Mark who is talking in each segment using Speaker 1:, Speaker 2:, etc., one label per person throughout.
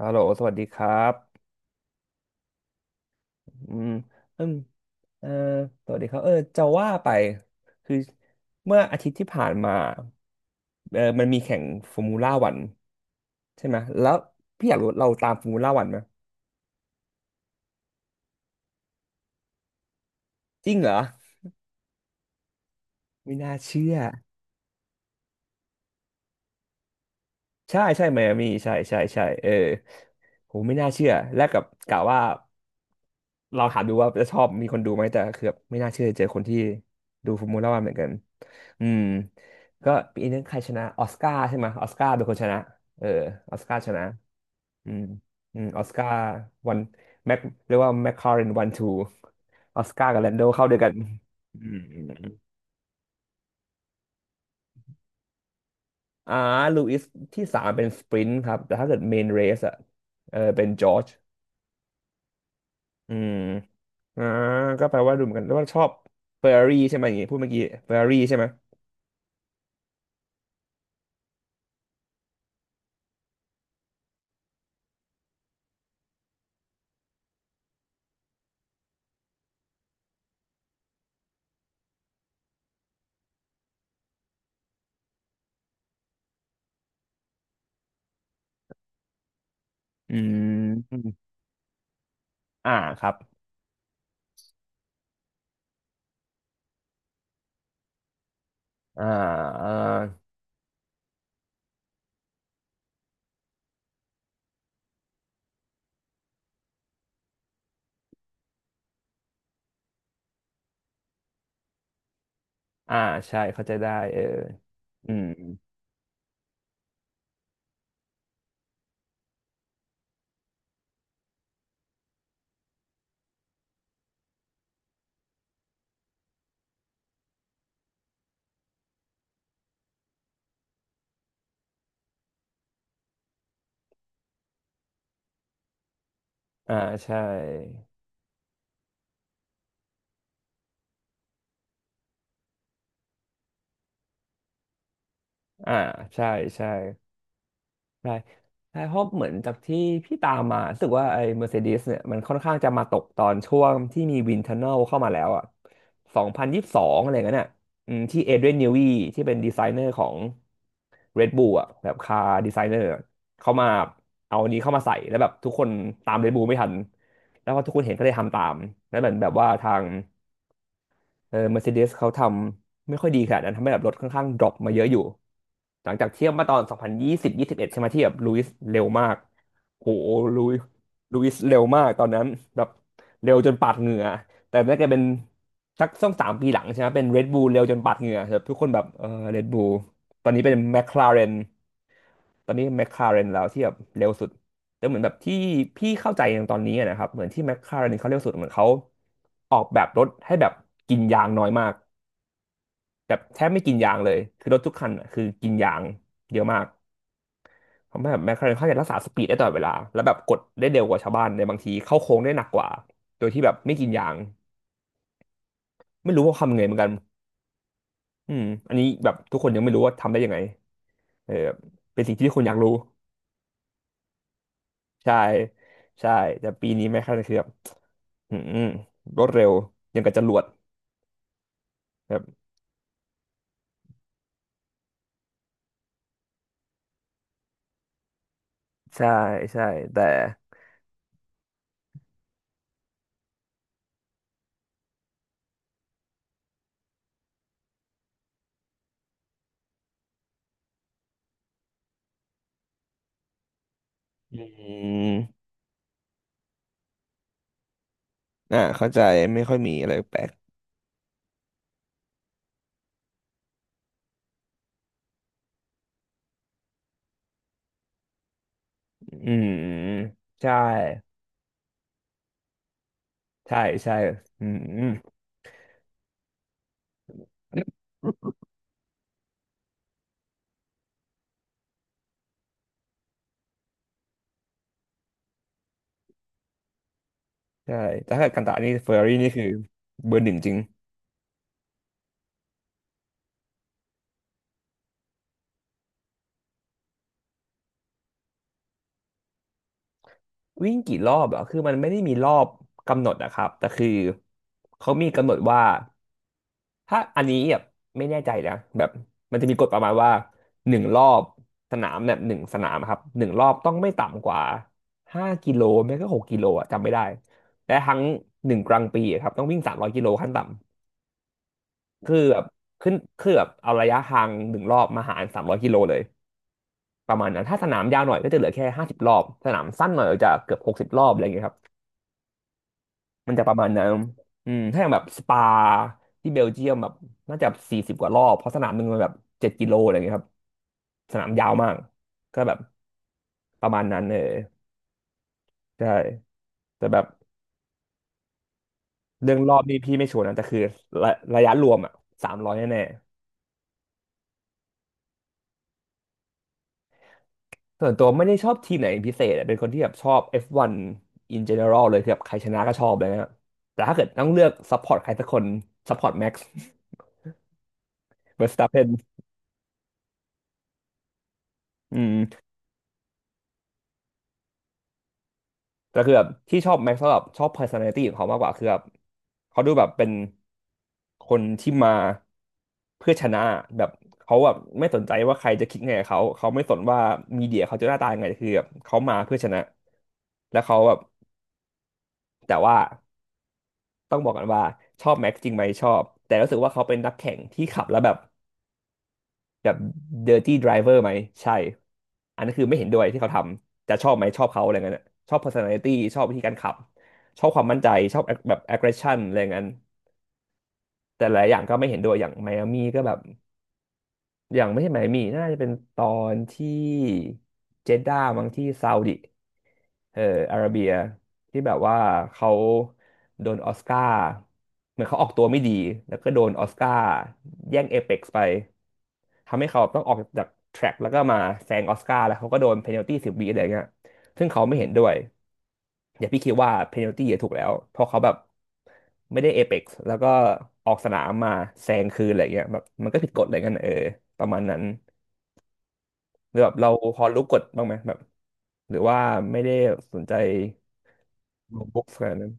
Speaker 1: ฮัลโหลสวัสดีครับอืมเอมเออสวัสดีครับเออจะว่าไป คือเมื่ออาทิตย์ที่ผ่านมาเออมันมีแข่งฟอร์มูล่าวันใช่ไหม แล้วพี่อยากรู้เราตามฟอร์มูล่าวันไหม จริงเหรอ ไม่น่าเชื่อ ใช่ใช่ไมอามี่ใช่ใช่ใช่เออผมไม่น่าเชื่อแรกกับกะว่าเราถามดูว่าจะชอบมีคนดูไหมแต่คือแบบไม่น่าเชื่อเจอคนที่ดูฟอร์มูล่าวันเหมือนกันอืมก็ปีนึงใครชนะออสการ์ใช่ไหมออสการ์เป็นคนชนะเออออสการ์ชนะอืมอืมออสการ์วันแม็กเรียกว่าแมคคาเรนวันทูออสการ์กับแลนโดเข้าด้วยกันอืมอืมอืมอ่าลูอิสที่สามเป็นสปรินต์ครับแต่ถ้าเกิดเมนเรสอะเออเป็นจอร์จ อืมอ่าก็แปลว่าดูเหมือนกันแล้วว่าชอบเฟอร์รารี่ใช่ไหมอย่างงี้พูดเมื่อกี้เฟอร์รารี่ใช่ไหมอืมอ่าครับ อ่าอ่าอ่าใช่เข้าใจได้เอออืมอ่าใช่อ่าใช่ใช่ ใช่ใช่เพราะเหมือนจากที่พี่ตามมารู้สึกว่าไอ้ Mercedes เนี่ยมันค่อนข้างจะมาตกตอนช่วงที่มีวินเทอร์เนลเข้ามาแล้วอ่ะ2022อะไรเงี้ยน่ะอืมที่เอเดรียนนิวีที่เป็นดีไซเนอร์ของ Red Bull อ่ะแบบคาร์ดีไซเนอร์เขามาเอาอันนี้เข้ามาใส่แล้วแบบทุกคนตาม Red Bull ไม่ทันแล้วพอทุกคนเห็นก็เลยทำตามแล้วเหมือนแบบว่าทาง เออ Mercedes เขาทำไม่ค่อยดีขนาดนั้นทำให้แบบรถค่อนข้างดรอปมาเยอะอยู่หลังจากเทียบมาตอน2020 2021ใช่ไหมที่แบบลุยส์เร็วมากโหลุยลุยส์เร็วมากตอนนั้นแบบเร็วจนปาดเหงื่อแต่น่าจะเป็นสักสองสามปีหลังใช่ไหมเป็น Red Bull เร็วจนปาดเหงื่อแบบทุกคนแบบเออ Red Bull ตอนนี้เป็น McLaren ตอนนี้ McLaren แล้วที่แบบเร็วสุดแต่เหมือนแบบที่พี่เข้าใจอย่างตอนนี้อะนะครับเหมือนที่ McLaren เขาเร็วสุดเหมือนเขาออกแบบรถให้แบบกินยางน้อยมาก แบบแทบไม่กินยางเลยคือรถทุกคันอะคือกินยางเยอะมากเพราะแบบแมคลาเรนเขาจะรักษาสปีดได้ตลอดเวลาแล้วแบบกดได้เร็วกว่าชาวบ้านในบางทีเข้าโค้งได้หนักกว่าโดยที่แบบไม่กินยางไม่รู้ว่าเขาทำยังไงเหมือนกันอืมอันนี้แบบทุกคนยังไม่รู้ว่าทำได้ยังไงเออแบบเป็นสิ่งที่ทุกคนอยากรู้ใช่ใช่แต่ปีนี้แมคลาเรนคือแบบอืมรวดเร็วยังกับจรวดแบบใช่ใช่แต่อืมอ่าเข้าใจไม่ค่อยมีอะไรแปลกอืมใช่ ใช่ใช่อืมอืมใช่แต่ถ้าเกิดกันตะนี่เฟอร์รี่นี่คือเบอร์หนึ่งจริงวิ่งกี่รอบเหรอคือมันไม่ได้มีรอบกำหนดนะครับแต่คือเขามีกำหนดว่าถ้าอันนี้แบบไม่แน่ใจนะแบบมันจะมีกฎประมาณว่าหนึ่งรอบสนามแบบหนึ่งสนามครับหนึ่งรอบต้องไม่ต่ำกว่า5 กิโลไม่ก็6 กิโลอะจำไม่ได้และทั้งหนึ่งกลางปีอะครับต้องวิ่งสามร้อยกิโลขั้นต่ำคือแบบขึ้นคือแบบเอาระยะทางหนึ่งรอบมาหารสามร้อยกิโลเลย ประมาณนั้นถ้าสนามยาวหน่อยก็จะเหลือแค่50 รอบสนามสั้นหน่อยก็จะเกือบ60 รอบอะไรอย่างเงี้ยครับมันจะประมาณนั้นอืมถ้าอย่างแบบสปาที่เบลเยียมแบบน่าจะ40 กว่ารอบเพราะสนามหนึ่งมันแบบ7 กิโลอะไรอย่างเงี้ยครับสนามยาวมากก็แบบประมาณนั้นเออใช่แต่แบบเรื่องรอบนี่พี่ไม่ชัวร์นะแต่คือระระยะรวมอ่ะสามร้อยแน่ ส่วนตัวไม่ได้ชอบทีมไหนเป็นพิเศษอะเป็นคนที่แบบชอบ F1 in general เลยคือแบบใครชนะก็ชอบเลยนะแต่ถ้าเกิดต้องเลือกซัพพอร์ตใครสักคนซัพพอร์ ตแม็กซ์ เวอร์สตัปเพนอืมแต่คือแบบที่ชอบแม็กซ์ก็แบบชอบ personality ของเขามากกว่าคือแบบเขาดูแบบเป็นคนที่มาเพื่อชนะแบบเขาแบบไม่สนใจว่าใครจะคิดไงกับเขาเขาไม่สนว่ามีเดียเขาจะหน้าตายังไงคือแบบเขามาเพื่อชนะแล้วเขาแบบแต่ว่า ต้องบอกกันว่าชอบแม็กซ์จริงไหมชอบแต่รู้สึกว่าเขาเป็นนักแข่งที่ขับแล้วแบบแบบเดอร์ตี้ไดรเวอร์ไหมใช่อันนั้นคือไม่เห็นด้วยที่เขาทำจะชอบไหมชอบเขาอะไรเงี้ยน่ะชอบ personality ชอบวิธีการขับชอบความมั่นใจชอบแบบ aggression อะไรเงี้ยแต่หลายอย่างก็ไม่เห็นด้วยอย่างไมอามี่ก็แบบ อย่างไม่ใช่ไหมายหมี่น่าจะเป็นตอนที่เจด้ามั้งที่ซาอุดิเอาระเบียที่แบบว่าเขาโดนออสการ์เหมือนเขาออกตัวไม่ดีแล้วก็โดนออสการ์แย่งเอเพ็กซ์ไปทำให้เขาต้องออกจากแทร็กแล้วก็มาแซงออสการ์แล้วเขาก็โดนเพนัลตี้10 วิอะไรเงี้ยซึ่งเขาไม่เห็นด้วยอย่าพี่คิดว่าเพนัลตี้ถูกแล้วเพราะเขาแบบไม่ได้เอเพ็กซ์แล้วก็ออกสนามมาแซงคืนอะไรเงี้ยแบบมันก็ผิดกฎอะไรเงี้ยเออประมาณนั้น หรือแบบเราพอรู้กฎบ้างไหมแบบหรือว่าไม่ได้สนใจบุ๊กขนาดนั้น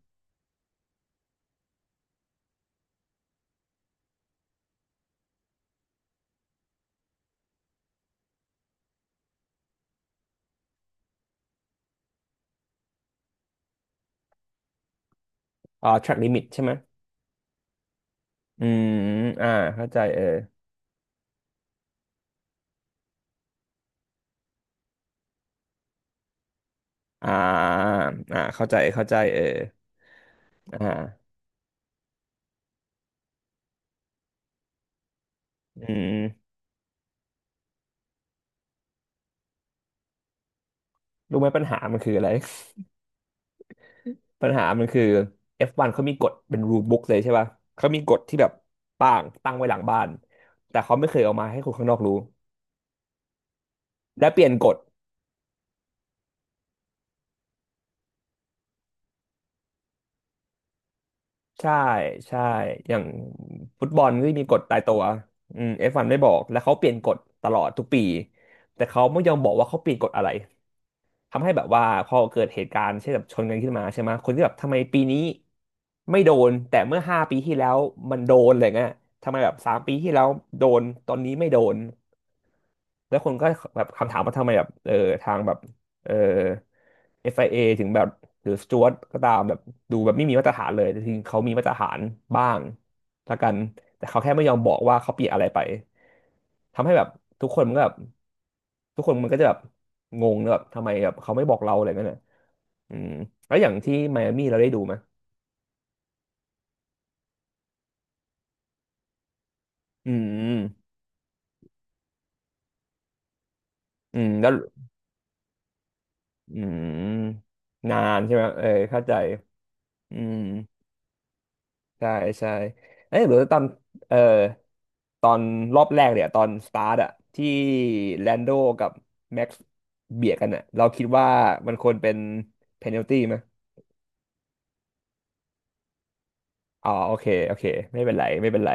Speaker 1: track limit ใช่ไหมอืมอ่าเข้าใจเอออ่าเข้าใจเข้าใจเอออ่าอืมรู้ไหมปัญหามันคืออะไร ปัญหามันคือ F1 เขามีกฎเป็น rule book เลยใช่ป่ะเขามีกฎที่แบบป่างตั้งไว้หลังบ้านแต่เขาไม่เคยเอามาให้คนข้างนอกรู้และเปลี่ยนกฎ ใช่ใช่อย่างฟุตบอลก็มีกฎตายตัวอืมเอฟวันไม่บอกแล้วเขาเปลี่ยนกฎตลอดทุกปีแต่เขาไม่ยอมบอกว่าเขาเปลี่ยนกฎอะไรทำให้แบบว่าพอเกิดเหตุการณ์เช่นแบบชนกันขึ้นมาใช่ไหมคนที่แบบทำไมปีนี้ไม่โดนแต่เมื่อ5 ปีที่แล้วมันโดนอะไรเงี้ยทำไมแบบ3 ปีที่แล้วโดนตอนนี้ไม่โดน แล้วคนก็แบบคำถามว่าทำไมแบบทางแบบเออ FIA ถึงแบบหรือสจ๊วตก็ตามแบบดูแบบไม่มีมาตรฐานเลยแต่จริงเขามีมาตรฐานบ้างละกันแต่เขาแค่ไม่ยอมบอกว่าเขาเปลี่ยนอะไรไปทำให้แบบทุกคนมันก็แบบทุกคนมันก็จะแบบงงนะแบบทำไมแบบเขาไม่บอกเราอะไรเงี้ยนะอืมแล้วอย่างที่ไมอามี่เราได้ดูไหมอืมอืมแล้วอืมนานใช่ไหมเออเข้าใจอืม ใช่ใช่เอ้ยหรือตอนเอ่อตอนรอบแรกเนี่ยตอนสตาร์ทอะที่แลนโดกับแม็กซ์เบียดกันอะเราคิดว่ามันควรเป็นเพนัลตี้ไหมอ๋อโอเคไม่เป็นไร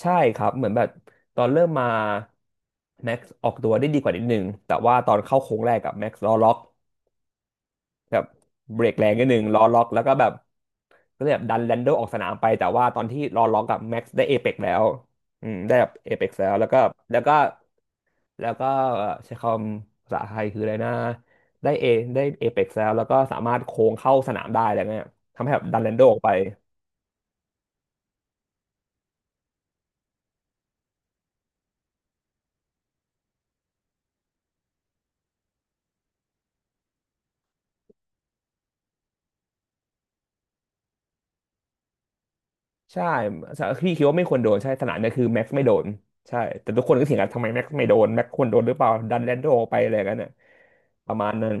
Speaker 1: ใช่ครับเหมือนแบบตอนเริ่มมาแม็กซ์ออกตัวได้ดีกว่านิดนึงแต่ว่าตอนเข้าโค้งแรกกับแม็กซ์ล้อล็อกแบบเบรกแรงนิดนึงล้อล็อกแล้วก็แบบ ก็เลยแบบดันแลนโดออกสนามไปแต่ว่าตอนที่รอล็อกกับแม็กซ์ได้เอเปกแล้วอืมได้แบบเอเปกแล้วแล้วก็แล้วก็แล้วก็ใช้คำภาษาไทยคืออะไรนะได้เอเอเปกแล้วแล้วก็สามารถโค้งเข้าสนามได้อะไรเงี้ยทำให้แบบดันแลนโดออกไปใช่พี่คิดว่าไม่ควรโดนใช่สนามเนี่ยคือแม็กซ์ไม่โดนใช่แต่ทุกคนก็เถียงกันทำไมแม็กซ์ไม่โดนแม็กซ์ควรโดนหรือเปล่าดันแลนโดออกไปอะไรกันเนี่ยประมาณนั้น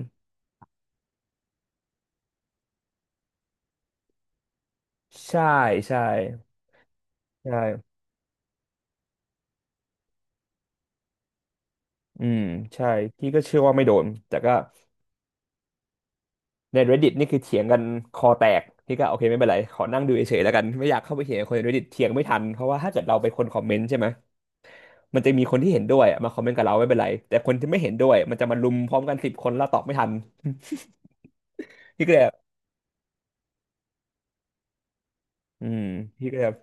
Speaker 1: ใช่ใช่ใช่อืมใช่พี่ก็เชื่อว่าไม่โดนแต่ก็ ใน Reddit นี่คือเถียงกันคอแตกพี่ก็โอเคไม่เป็นไรขอนั่งดูเฉยๆแล้วกันไม่อยากเข้าไปเถียงกับคนใน Reddit เถียงไม่ทันเพราะว่าถ้าเกิดเราเป็นคนคอมเมนต์ใช่ไหมมันจะมีคนที่เห็นด้วยอะมาคอมเมนต์กับเราไม่เป็นไรแต่คนที่ไม่เห็นด้วยมันจะมารุมพร้อมกัน10 คนแล้วตอบไม่ทัน พี่ก็เลยแบบอืมพี่ก็เลยแบบ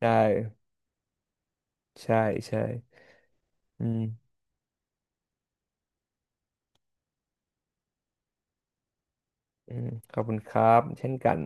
Speaker 1: ได้ใช่ใช่อืมขอบคุณครับเช่นกัน